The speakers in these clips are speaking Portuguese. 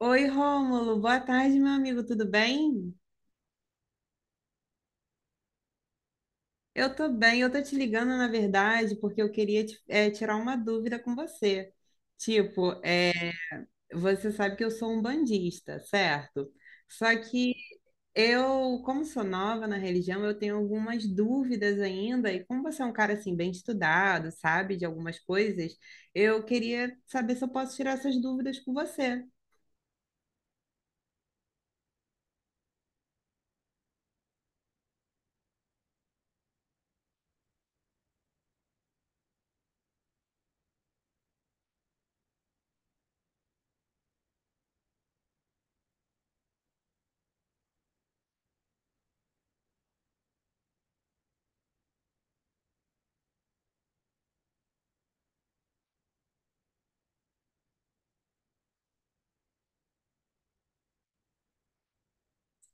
Oi, Rômulo, boa tarde, meu amigo, tudo bem? Eu tô bem, eu tô te ligando, na verdade, porque eu queria tirar uma dúvida com você. Tipo, eh, Você sabe que eu sou um bandista, certo? Só que eu, como sou nova na religião, eu tenho algumas dúvidas ainda, e como você é um cara, assim, bem estudado, sabe, de algumas coisas, eu queria saber se eu posso tirar essas dúvidas com você.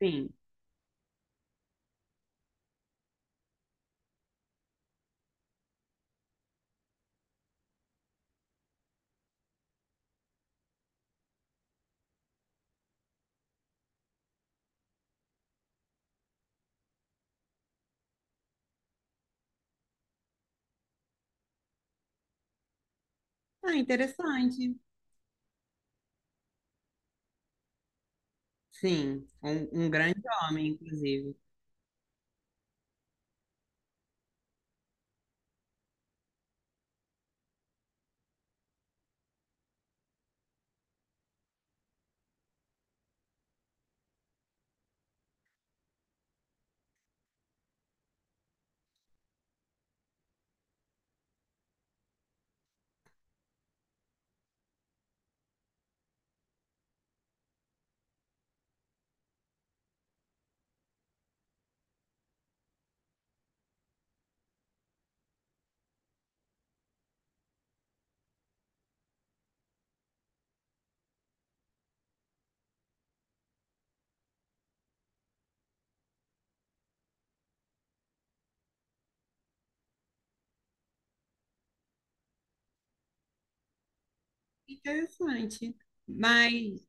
Sim. Ah, interessante. Sim, um grande homem, inclusive. Interessante. Mas,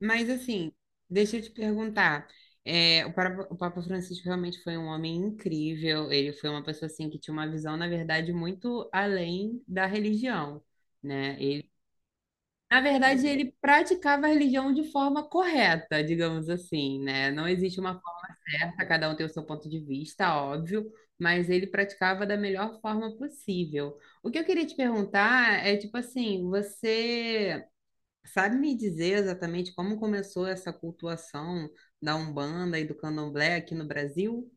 mas assim, deixa eu te perguntar. É, o Papa Francisco realmente foi um homem incrível. Ele foi uma pessoa assim que tinha uma visão, na verdade, muito além da religião, né? Ele, na verdade, ele praticava a religião de forma correta, digamos assim, né? Não existe uma correta, cada um tem o seu ponto de vista, óbvio, mas ele praticava da melhor forma possível. O que eu queria te perguntar é, tipo assim, você sabe me dizer exatamente como começou essa cultuação da Umbanda e do Candomblé aqui no Brasil?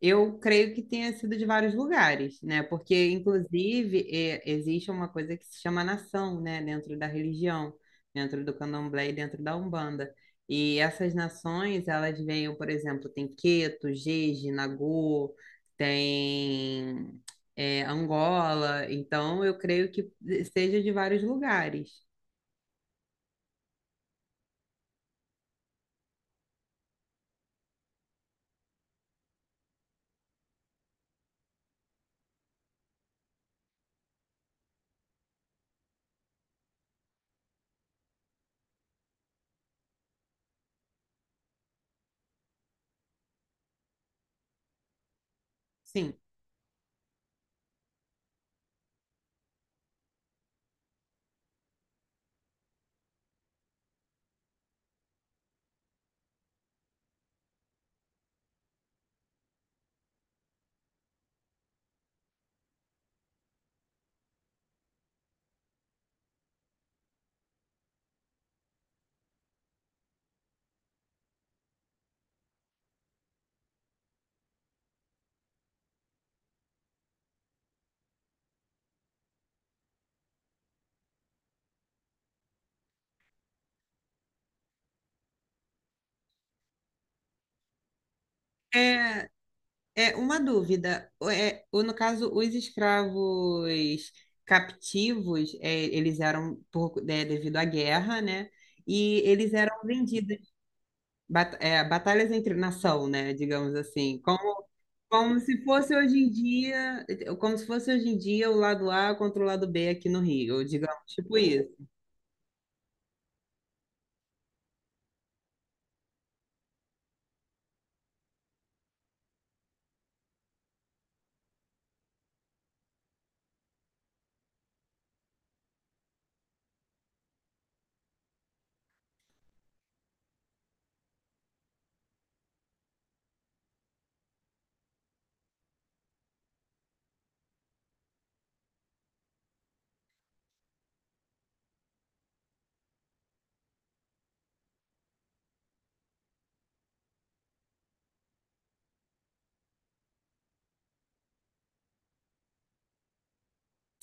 Eu creio que tenha sido de vários lugares, né? Porque, inclusive, existe uma coisa que se chama nação, né? Dentro da religião, dentro do Candomblé e dentro da Umbanda. E essas nações, elas veem, por exemplo, tem Queto, Jeje, Nagô, tem, Angola. Então, eu creio que seja de vários lugares. Sim. É, É uma dúvida. É, no caso, os escravos captivos, é, eles eram devido à guerra, né? E eles eram vendidos, batalhas entre nação, né? Digamos assim, como, como se fosse hoje em dia, como se fosse hoje em dia o lado A contra o lado B aqui no Rio, digamos, tipo isso.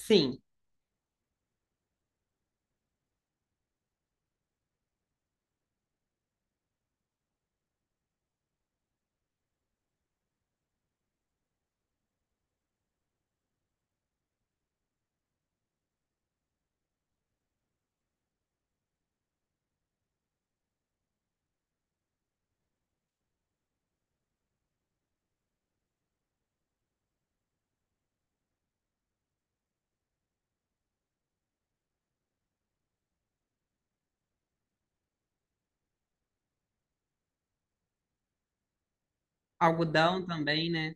Sim, algodão também, né?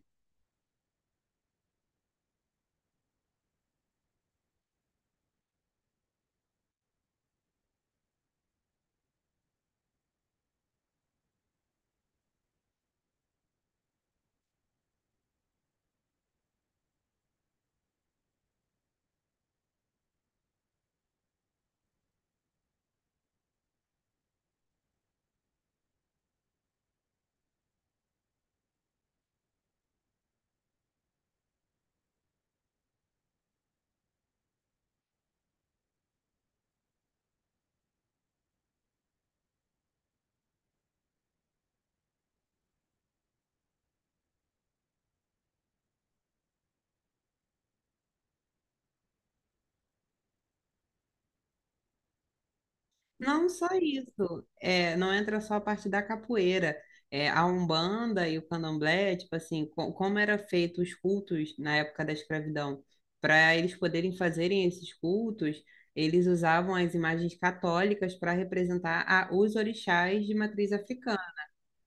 Não só isso, é, não entra só a parte da capoeira. É, a Umbanda e o Candomblé, tipo assim, como era feito os cultos na época da escravidão, para eles poderem fazerem esses cultos, eles usavam as imagens católicas para representar os orixás de matriz africana.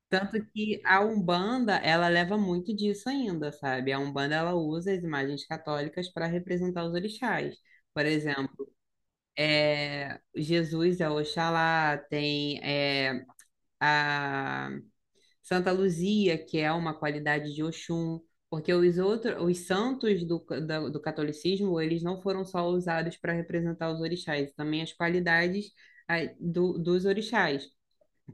Tanto que a Umbanda, ela leva muito disso ainda, sabe? A Umbanda, ela usa as imagens católicas para representar os orixás. Por exemplo, Jesus é Oxalá, tem é, a Santa Luzia, que é uma qualidade de Oxum, porque os outros, os santos do catolicismo, eles não foram só usados para representar os orixás, também as qualidades dos orixás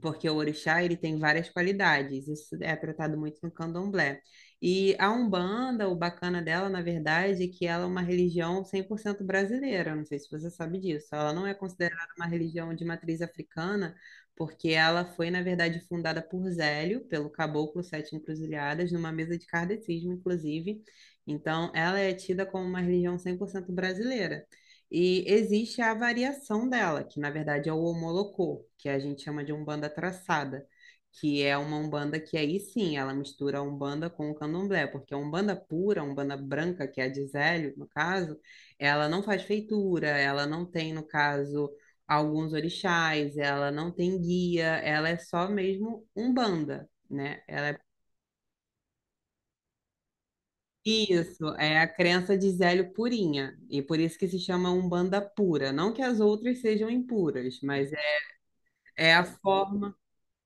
porque o orixá ele tem várias qualidades, isso é tratado muito no candomblé. E a Umbanda, o bacana dela, na verdade, é que ela é uma religião 100% brasileira, não sei se você sabe disso. Ela não é considerada uma religião de matriz africana, porque ela foi, na verdade, fundada por Zélio, pelo caboclo Sete Encruzilhadas, numa mesa de kardecismo, inclusive. Então, ela é tida como uma religião 100% brasileira, e existe a variação dela, que na verdade é o homolocô que a gente chama de Umbanda traçada, que é uma Umbanda que aí sim, ela mistura a Umbanda com o Candomblé, porque a Umbanda pura, a Umbanda branca, que é a de Zélio, no caso, ela não faz feitura, ela não tem, no caso, alguns orixás, ela não tem guia, ela é só mesmo Umbanda, né? Ela é Isso, é a crença de Zélio purinha, e por isso que se chama Umbanda pura. Não que as outras sejam impuras, mas é, é a forma.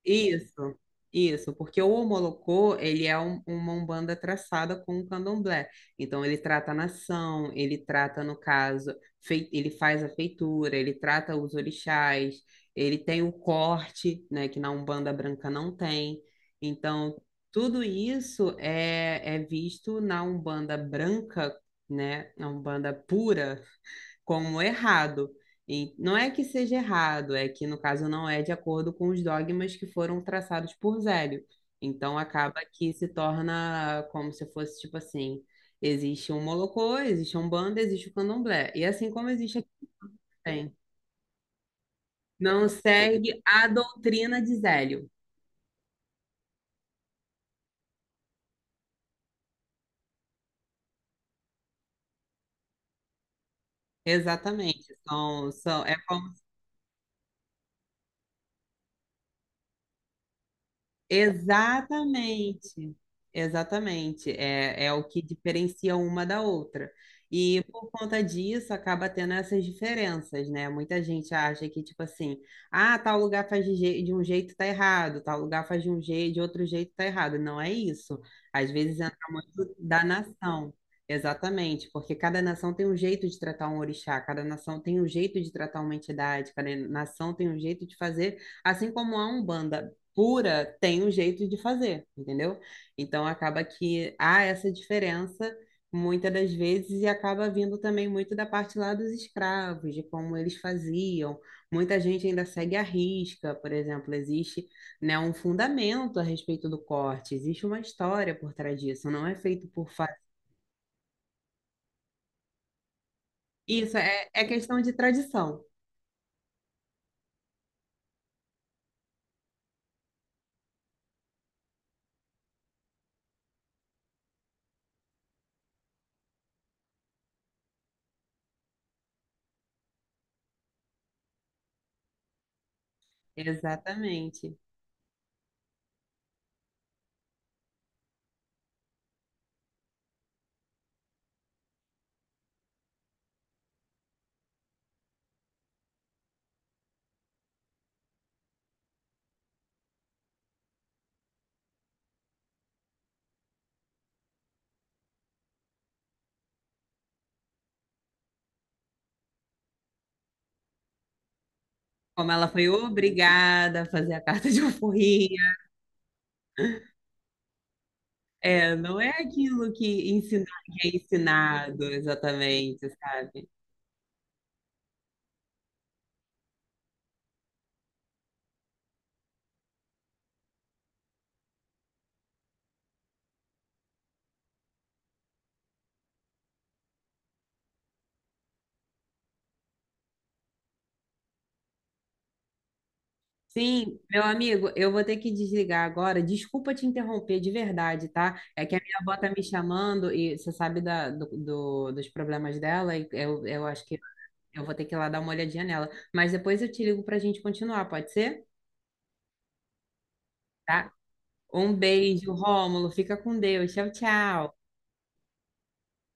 Isso, isso, porque o Omolocô, ele é uma umbanda traçada com o candomblé. Então, ele trata a nação, ele trata, no caso, ele faz a feitura, ele trata os orixás, ele tem o corte, né, que na umbanda branca não tem. Então, tudo isso é, é visto na umbanda branca, né, na umbanda pura, como errado. E não é que seja errado, é que no caso não é de acordo com os dogmas que foram traçados por Zélio. Então acaba que se torna como se fosse tipo assim, existe um Molocô, existe um banda, existe o Candomblé. E assim como existe aqui tem. Não segue a doutrina de Zélio. Exatamente. São, são, é como exatamente, exatamente. É, é o que diferencia uma da outra. E por conta disso acaba tendo essas diferenças, né? Muita gente acha que, tipo assim, ah, tal lugar faz de um jeito tá errado, tal lugar faz de um jeito, de outro jeito tá errado. Não é isso. Às vezes entra muito da nação. Exatamente, porque cada nação tem um jeito de tratar um orixá, cada nação tem um jeito de tratar uma entidade, cada nação tem um jeito de fazer, assim como a Umbanda pura tem um jeito de fazer, entendeu? Então acaba que há essa diferença muitas das vezes e acaba vindo também muito da parte lá dos escravos, de como eles faziam. Muita gente ainda segue a risca, por exemplo, existe, né, um fundamento a respeito do corte, existe uma história por trás disso, não é feito por fato. Isso é, é questão de tradição, exatamente. Como ela foi obrigada a fazer a carta de alforria, é, não é aquilo que ensinar, que é ensinado exatamente, sabe? Sim, meu amigo, eu vou ter que desligar agora. Desculpa te interromper de verdade, tá? É que a minha avó tá me chamando e você sabe dos problemas dela e eu acho que eu vou ter que ir lá dar uma olhadinha nela. Mas depois eu te ligo pra gente continuar, pode ser? Tá? Um beijo, Rômulo. Fica com Deus. Tchau, tchau.